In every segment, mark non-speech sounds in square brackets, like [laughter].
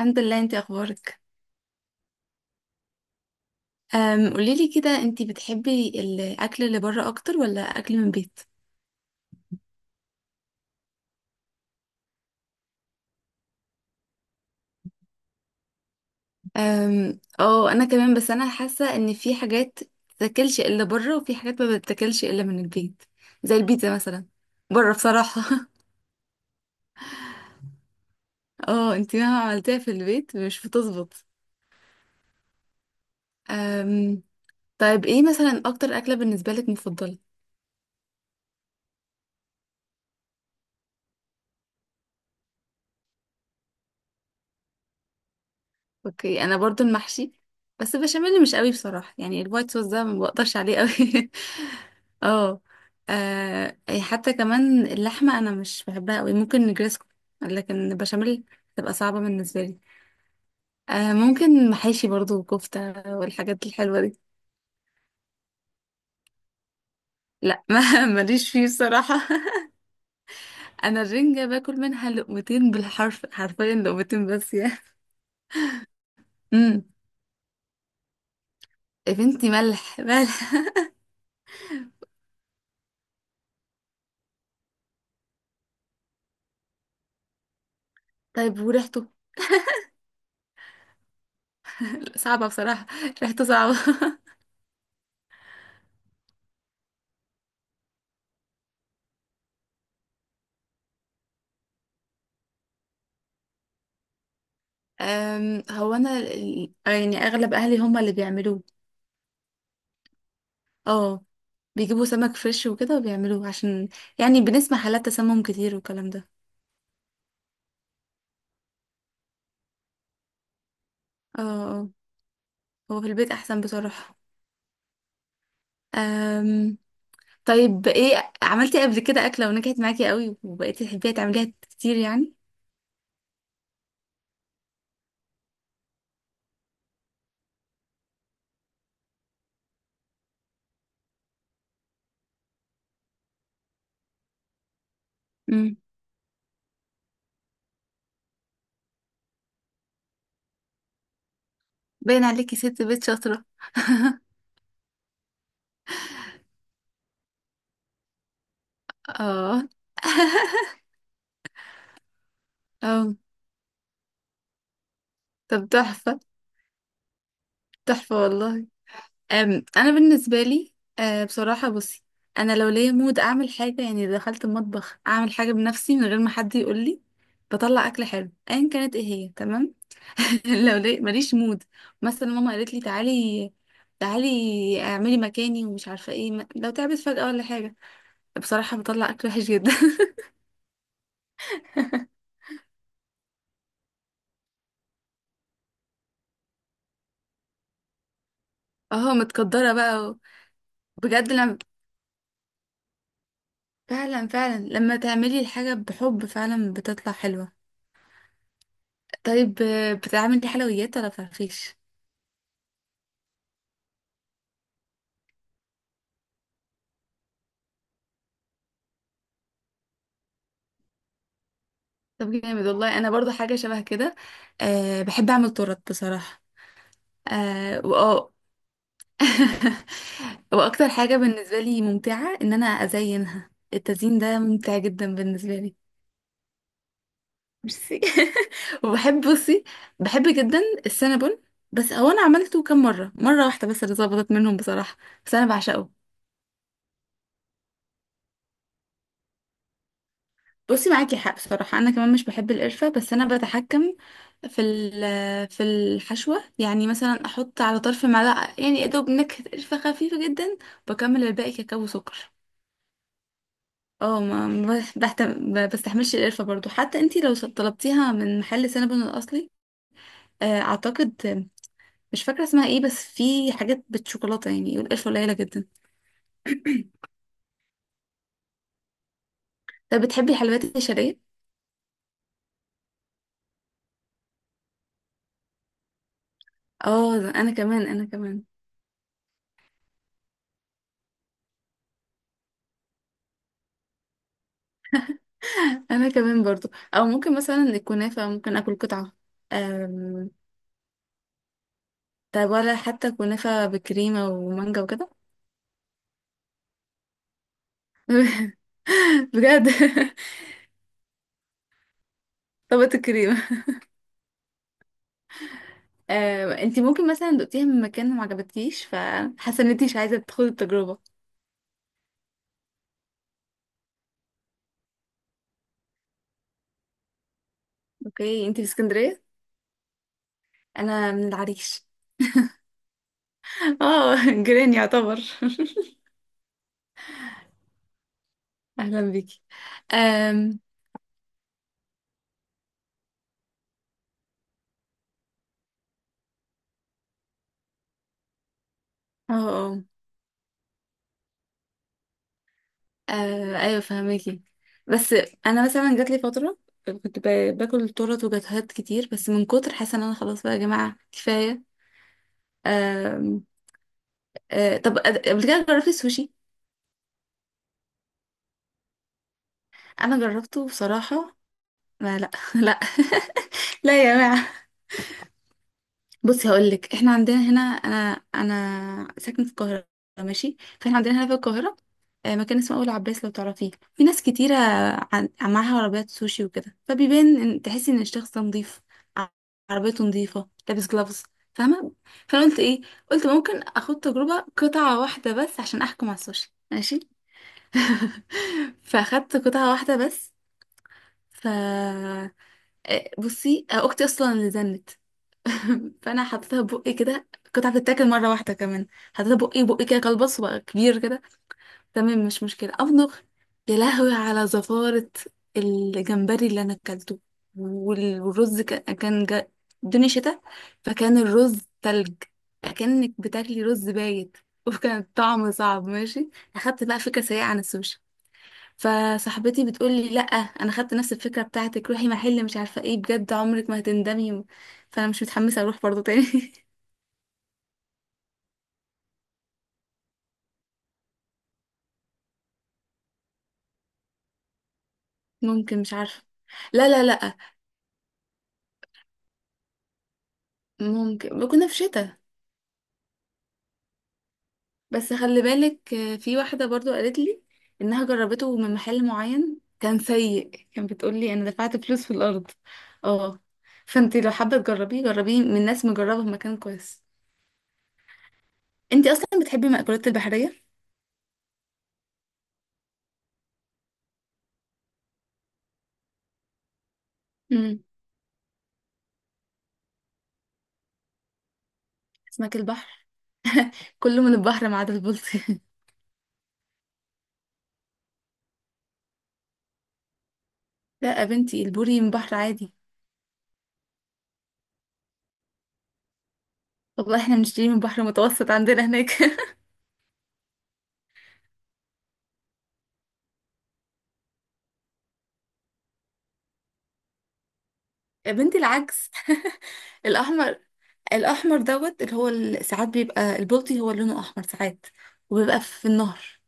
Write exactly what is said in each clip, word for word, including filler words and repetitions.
الحمد لله، انت اخبارك؟ أم قوليلي كده، انت بتحبي الاكل اللي بره اكتر ولا اكل من البيت؟ أم، اه، انا كمان، بس انا حاسه ان في حاجات بتتاكلش الا بره وفي حاجات ما بتتاكلش الا من البيت. زي البيتزا مثلا. بره بصراحه. [laughs] اه، انت مهما عملتيها في البيت مش بتظبط. أم، طيب، ايه مثلا اكتر اكله بالنسبه لك مفضله؟ اوكي، انا برضو المحشي. بس بشاميل مش قوي بصراحة، يعني الوايت صوص ده ما بقدرش عليه قوي. [laughs] اه. آه، حتى كمان اللحمة انا مش بحبها قوي، ممكن نجريسكو. لكن بشاميل تبقى صعبة بالنسبة لي. آه ممكن محاشي برضو، وكفتة والحاجات الحلوة دي. لا، ما [laughs] ماليش فيه بصراحة. [laughs] انا الرنجة باكل منها لقمتين، بالحرف حرفيا لقمتين بس يا. امم. يا بنتي، ملح ملح. [laughs] طيب وريحته؟ صعبة بصراحة. ريحته صعبة. [laughs] أم، هو انا ال- يعني اغلب اهلي هم اللي بيعملوه. اه، بيجيبوا سمك فريش وكده وبيعملوه عشان يعني بنسمع حالات تسمم كتير والكلام ده. اه، اه، هو في البيت احسن بصراحة. أم. طيب، ايه عملتي قبل كده اكلة ونجحت معاكي قوي وبقيتي تحبيها تعمليها كتير يعني؟ امم. باين عليكي ست بيت شاطرة. اه. [laughs] اه. طب تحفة. تحفة والله. أم، انا بالنسبه لي، أه، بصراحه بصي، انا لو ليا مود اعمل حاجه، يعني دخلت المطبخ اعمل حاجه بنفسي من غير ما حد يقول لي، بطلع اكل حلو ايا كانت ايه هي، تمام. [laughs] لو لي ماليش مود، مثلا ماما قالت لي تعالي، تعالي اعملي مكاني ومش عارفه ايه م- لو تعبت فجاه ولا حاجه، بصراحه بطلع اكل وحش جدا. [laughs] اه، متقدره بقى و- بجد لما... فعلا فعلا، لما تعملي الحاجه بحب فعلا بتطلع حلوه. طيب، آه، بتعملي حلويات ولا فرفيش؟ طب جامد والله، انا برضو حاجه شبه كده. أه بحب اعمل تورت بصراحه. أه واه. [laughs] واكتر حاجه بالنسبه لي ممتعه ان انا ازينها، التزيين ده ممتع جدا بالنسبه لي. ميرسي. [laughs] وبحب بصي، بحب جدا السينابون. بس هو انا عملته كام مره، مره واحده بس اللي ظبطت منهم بصراحه. بس انا بعشقه. بصي، معاكي حق بصراحة، أنا كمان مش بحب القرفة، بس أنا بتحكم في ال- في الحشوة، يعني مثلا أحط على طرف معلقة يعني يا دوب نكهة قرفة خفيفة جدا. بكمل الباقي كاكاو وسكر. اه، ما ما بحتم ما بستحملش القرفة برضو، حتى انتي لو طلبتيها من محل سينابون الأصلي. آه، أعتقد مش فاكرة اسمها ايه، بس في حاجات بالشوكولاتة يعني والقرفة قليلة جدا. طب، بتحبي الحلويات الشرقية؟ اه، أنا كمان أنا كمان. انا كمان برضو، او ممكن مثلا الكنافه ممكن اكل قطعه. أم... طب، ولا حتى كنافه بكريمه ومانجا وكده؟ [laughs] بجد. [laughs] طبقة الكريمه. أم... انتي ممكن مثلا دقتيها من مكان وما عجبتكيش فحاسه ان انتي مش عايزه تدخلي التجربه؟ اوكي، انتي في اسكندريه؟ انا من العريش. اه. [laughs] جيران يعتبر. [laughs] اهلا بيكي. أم... اه، آه. آه ايوه، فهماكي. بس انا مثلا جات لي فتره، كنت ب- باكل تورت وجاتوهات كتير بس من كتر حاسه ان انا خلاص، بقى يا جماعه كفايه. آم، آه طب، قبل كده جربتي السوشي؟ انا جربته بصراحه. ما لا. [laughs] لا. لا يا جماعه. بصي، هقول لك احنا عندنا هنا، انا انا ساكنه في القاهره. ماشي، فاحنا عندنا هنا في القاهره. آه، مكان اسمه اول عباس لو تعرفيه، في ناس كتيره عن- معاها عربيات سوشي وكده، فبيبان ان تحسي ان الشخص ده نظيف. ع- عربيته نظيفه، لابس جلافز. فاهمه. فانا قلت ايه، قلت ممكن اخد تجربه، قطعه واحده بس عشان احكم على السوشي، ماشي. [laughs] فاخدت قطعه واحده بس. ف آه، بصي، آه، اختي اصلا اللي زنت. [laughs] فانا حطيتها بقي كده، كنت هتتاكل مره واحده كمان. حطيتها بقي بقي كده، كلبص وبقى كبير كده. تمام، مش مشكله امضغ. يا لهوي على زفاره! الجمبري اللي انا اكلته وال- والرز كان كان جا... الدنيا شتاء. فكان الرز تلج، كأنك بتاكلي رز بايت. [laughs] وكان طعمه صعب، ماشي. اخدت بقى فكره سيئه عن السوشي. فصاحبتي بتقول لي لا، انا خدت نفس الفكره بتاعتك، روحي محل مش عارفه ايه بجد، عمرك ما هتندمي. فانا مش متحمسه اروح برضو تاني. [laughs] ممكن، مش عارفه. لا، لا، لا. ممكن كنا في شتاء. بس خلي بالك، آه، في واحده برضو قالت لي انها جربته من محل معين كان سيء، كان بتقول لي انا دفعت فلوس في الارض. اه. فانتي لو حابه تجربيه جربيه من ناس مجربه في مكان كويس. انتي اصلا بتحبي المأكولات البحريه؟ امم. اسماك البحر؟ كله من البحر ما عدا البلطي. [laughs] لا يا بنتي، البوري من بحر عادي. والله احنا بنشتري من بحر متوسط عندنا هناك. [laughs] يا بنتي، العكس. [laughs] الاحمر الاحمر دوت، اللي هو ال- ساعات بيبقى البلطي هو لونه احمر ساعات. وبيبقى في النهر.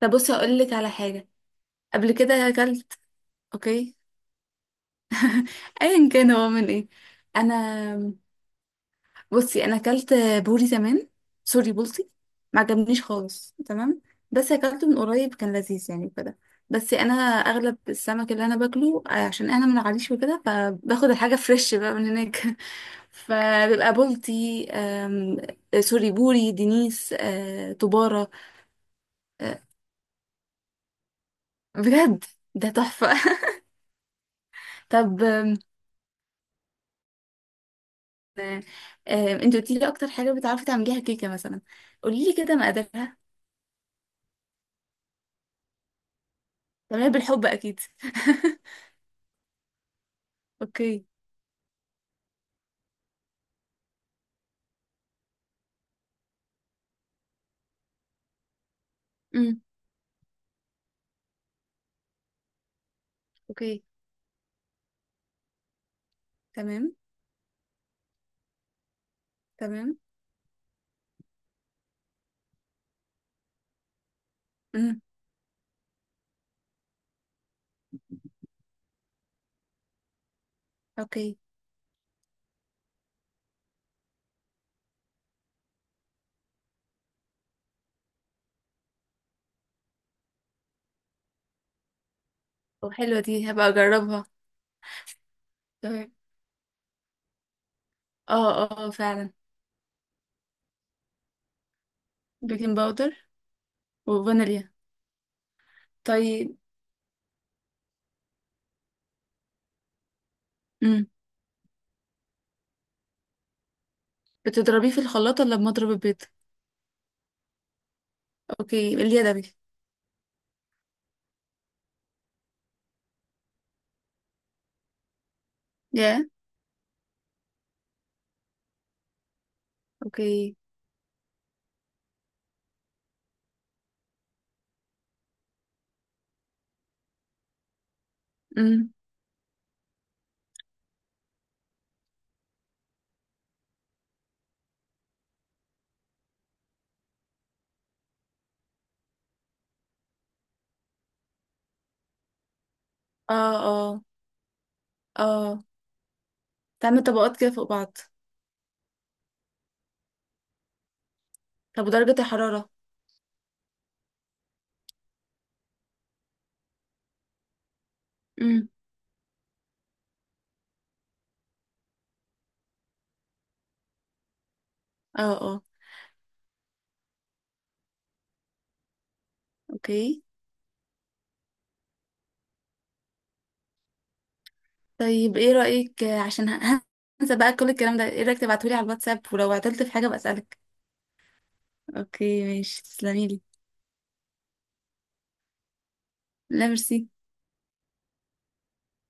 طب، بصي اقول لك على حاجه. قبل كده اكلت. اوكي، ايا كان هو من ايه. انا بصي، انا اكلت بوري زمان، سوري بولتي. ما عجبنيش خالص، تمام. بس اكلته من قريب كان لذيذ يعني وكده. بس انا اغلب السمك اللي انا باكله، آه، عشان انا من العريش وكده فباخد الحاجه فريش بقى من هناك. [laughs] فبيبقى بولتي، آم، سوري، بوري، دينيس، آه، طباره. آه، بجد ده تحفه. [laughs] طب، آم، آم، انت قلتي لي اكتر حاجه بتعرفي تعمليها كيكه مثلا. قولي لي كده مقاديرها. تعمليها بالحب اكيد؟ [laughs] اوكي. امم. اوكي تمام. تمام. امم. اوكي. طب، حلوة دي، هبقى اجربها. تمام. اه، اه، آه، فعلا. بيكنج باودر وفانيليا. طيب. امم. بتضربيه في الخلاط ولا بمضرب البيض؟ اوكي، اليدوي. يا. اوكي. امم. اه، اه، اه. تعمل طبقات كده فوق بعض. طب ودرجة الحرارة؟ امم. اه، اه. اوكي. طيب، ايه رأيك، آه، عشان ه- هنسى بقى كل الكلام ده، ايه رأيك تبعتولي على الواتساب ولو عطلت في حاجة بسألك؟ اوكي، ماشي، تسلميلي. لا، ميرسي.